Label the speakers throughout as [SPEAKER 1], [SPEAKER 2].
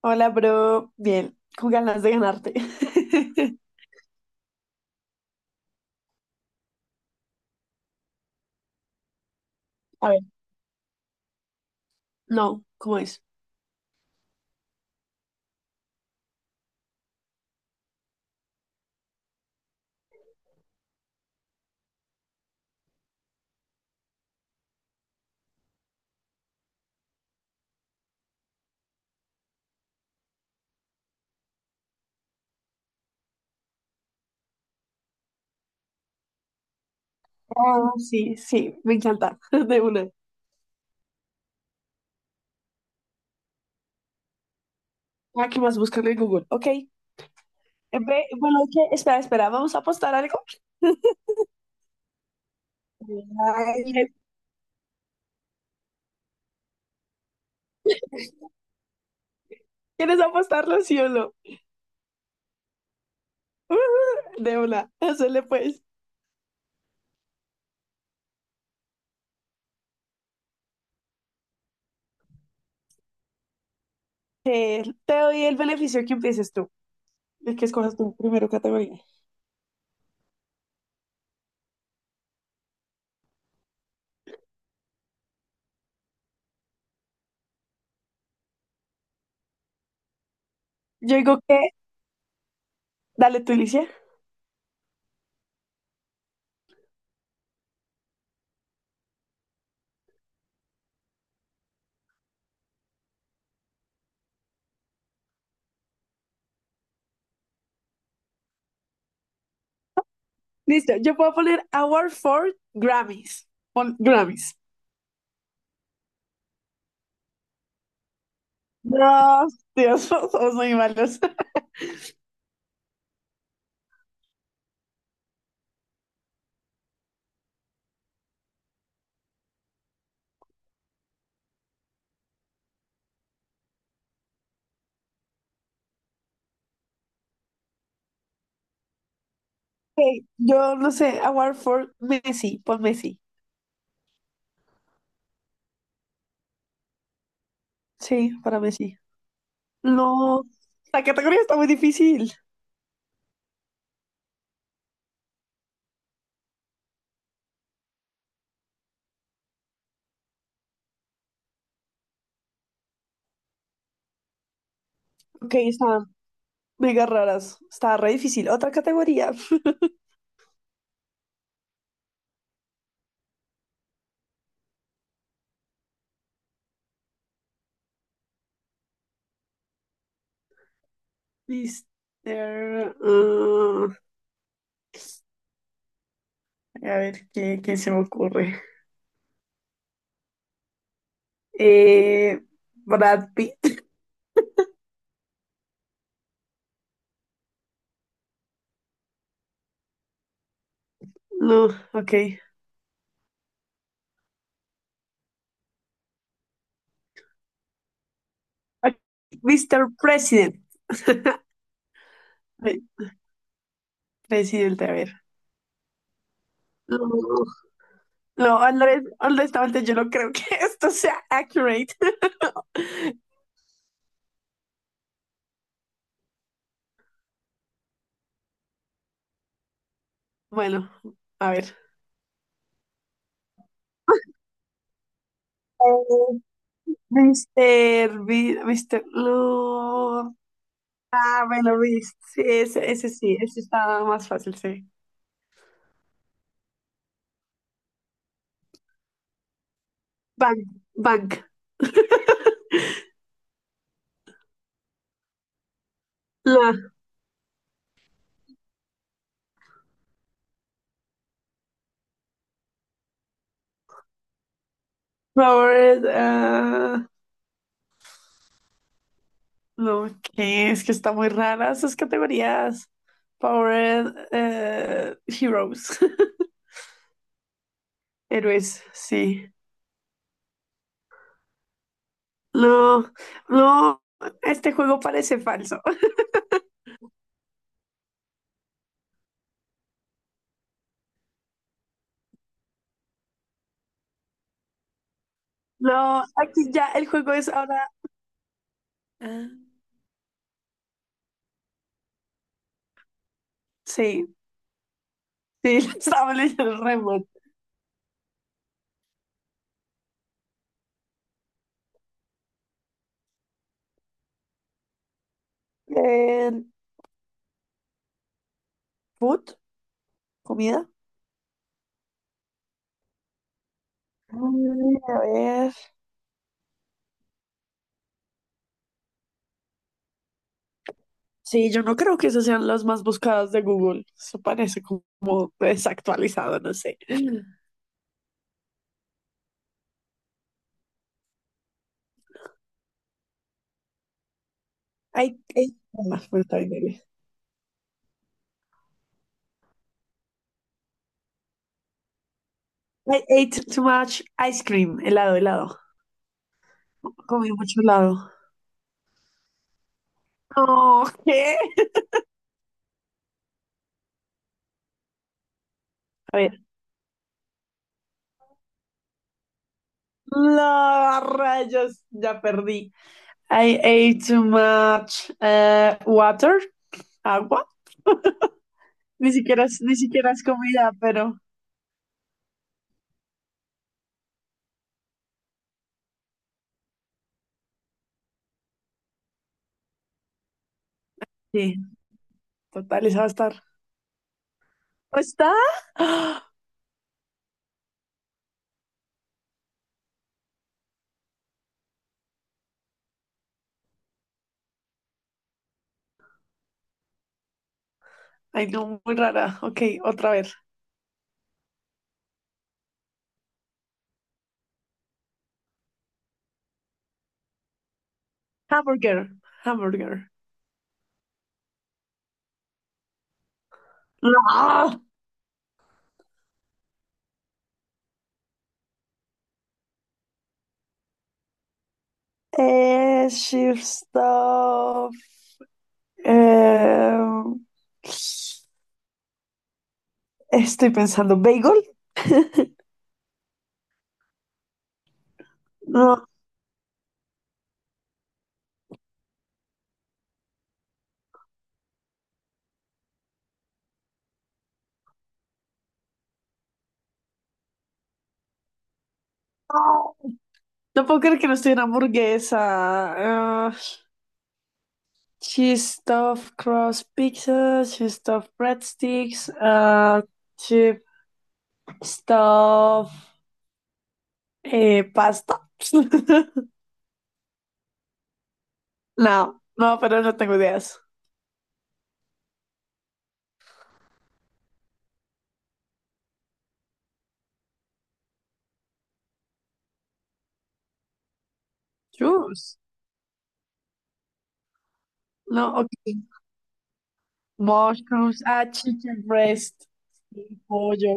[SPEAKER 1] Hola, bro. Bien, con ganas de ganarte. A ver, no, ¿cómo es? Sí, sí, me encanta. De una. ¿Qué más? Búscalo en Google. Ok. Bueno, ¿qué? ¿Vamos a apostar algo? Ay, ¿quieres apostarlo, sí o no? De una, hazle pues. Te doy el beneficio que empieces tú, el que escojas tu primero categoría. Yo digo que, dale tú, Alicia. Listo, yo puedo poner Award for Grammys. Pon Grammys. No, Dios, somos muy malos. Ok, yo no sé, award for Messi, por Messi. Sí, para Messi. No, la categoría está muy difícil. Ok, están mega raras. Está re difícil. Otra categoría. Mister, ah, a ver, ¿qué se me ocurre? Eh, Brad Pitt. No, ok. Ok, Mr. President. Ay, presidente, a ver. No, no, Andrés, honestamente, yo no creo que esto sea accurate. Bueno, a ver. Eh, Mr. Beast, Mr. No. Ah, bueno, Beast. Sí, ese sí, ese estaba más fácil, sí. Bank, Bank. La Robert. No, ¿qué? Es que está muy rara esas categorías. Power Heroes. Héroes, sí. No, no, este juego parece falso. No, aquí ya el juego es ahora. Ah, sí, sí, estaba leyendo el remoto. Eh, food, comida. A ver. Sí, yo no creo que esas sean las más buscadas de Google. Eso parece como desactualizado, no sé. I ate, más, pues, está bien, dale. I ate too much ice cream, helado, helado. Comí mucho helado. No, ¿qué? A ver. La rayos, ya perdí. I ate too much water, agua. Ni siquiera es comida, pero sí, total, esa va a estar. ¿No está? ¡Ah! Ay, no, muy rara. Ok, otra vez. Hamburger, hamburger. No. Shift stuff. Eh, estoy pensando, bagel. No. No puedo creer que no estoy en hamburguesa. Ah, she stuffed crust pizzas, she stuffed breadsticks, she stuffed pasta. No, no, pero no tengo ideas. Chus. No, ok. Mushrooms, ah, chicken breast, sí, pollo.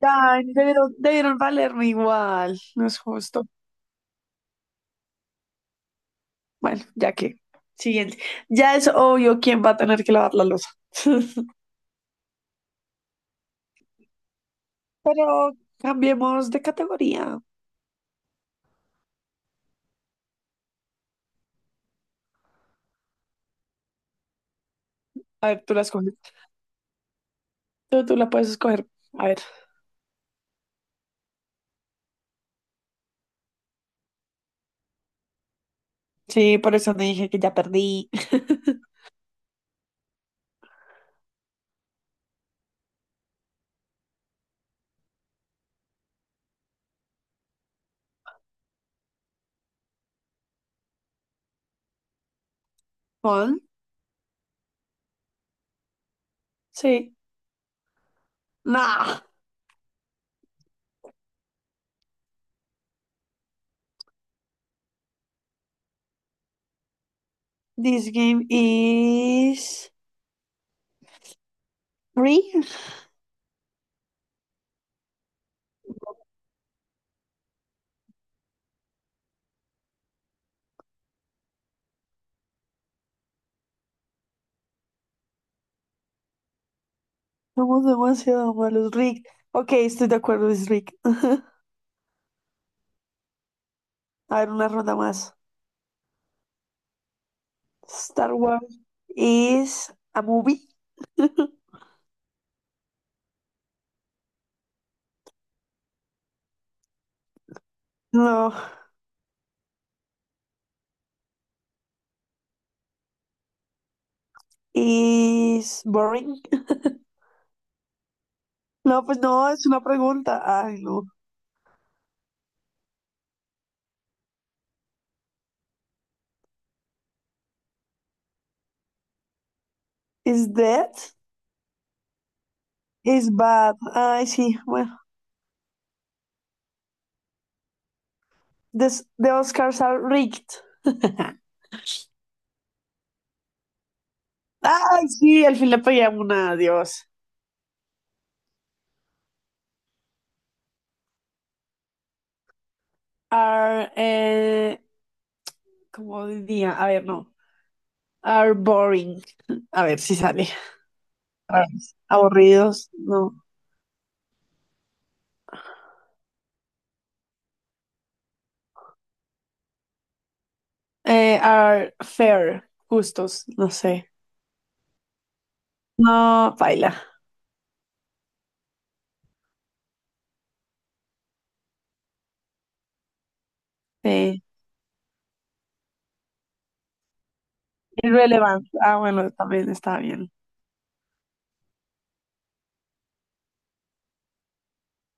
[SPEAKER 1] Ay, debieron valerme igual, no es justo. Bueno, ya que. Siguiente. Ya es obvio quién va a tener que lavar la losa. Pero cambiemos de categoría. A ver, tú la escoges. Tú la puedes escoger. A ver. Sí, por eso te dije que ya perdí. ¿Con? Sí. Nah. This game is rigged. Somos demasiado malos. Rigged. Ok, estoy de acuerdo, es rigged. A ver, una ronda más. Star Wars is a movie. No. Is boring. No, pues no, es una pregunta. Ay, no. Is dead? Is bad. Ay, sí. Bueno. The Oscars are rigged. Ay, sí, al fin le pegué a una, Dios. Are, ¿cómo diría? A ver, no. Are boring. A ver si sale. Are aburridos, no. Are fair, justos, no sé. No, paila. Sí. Irrelevant. Ah, bueno, también está bien.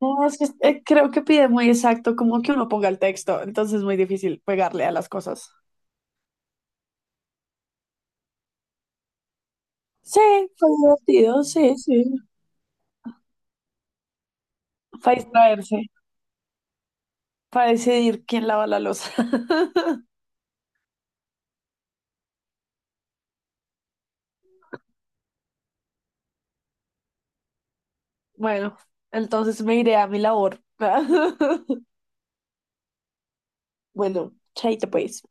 [SPEAKER 1] No, es que creo que pide muy exacto, como que uno ponga el texto, entonces es muy difícil pegarle a las cosas. Sí, fue divertido, sí, sí. Para distraerse, para decidir quién lava la loza. Bueno, entonces me iré a mi labor. Bueno, chaito pues.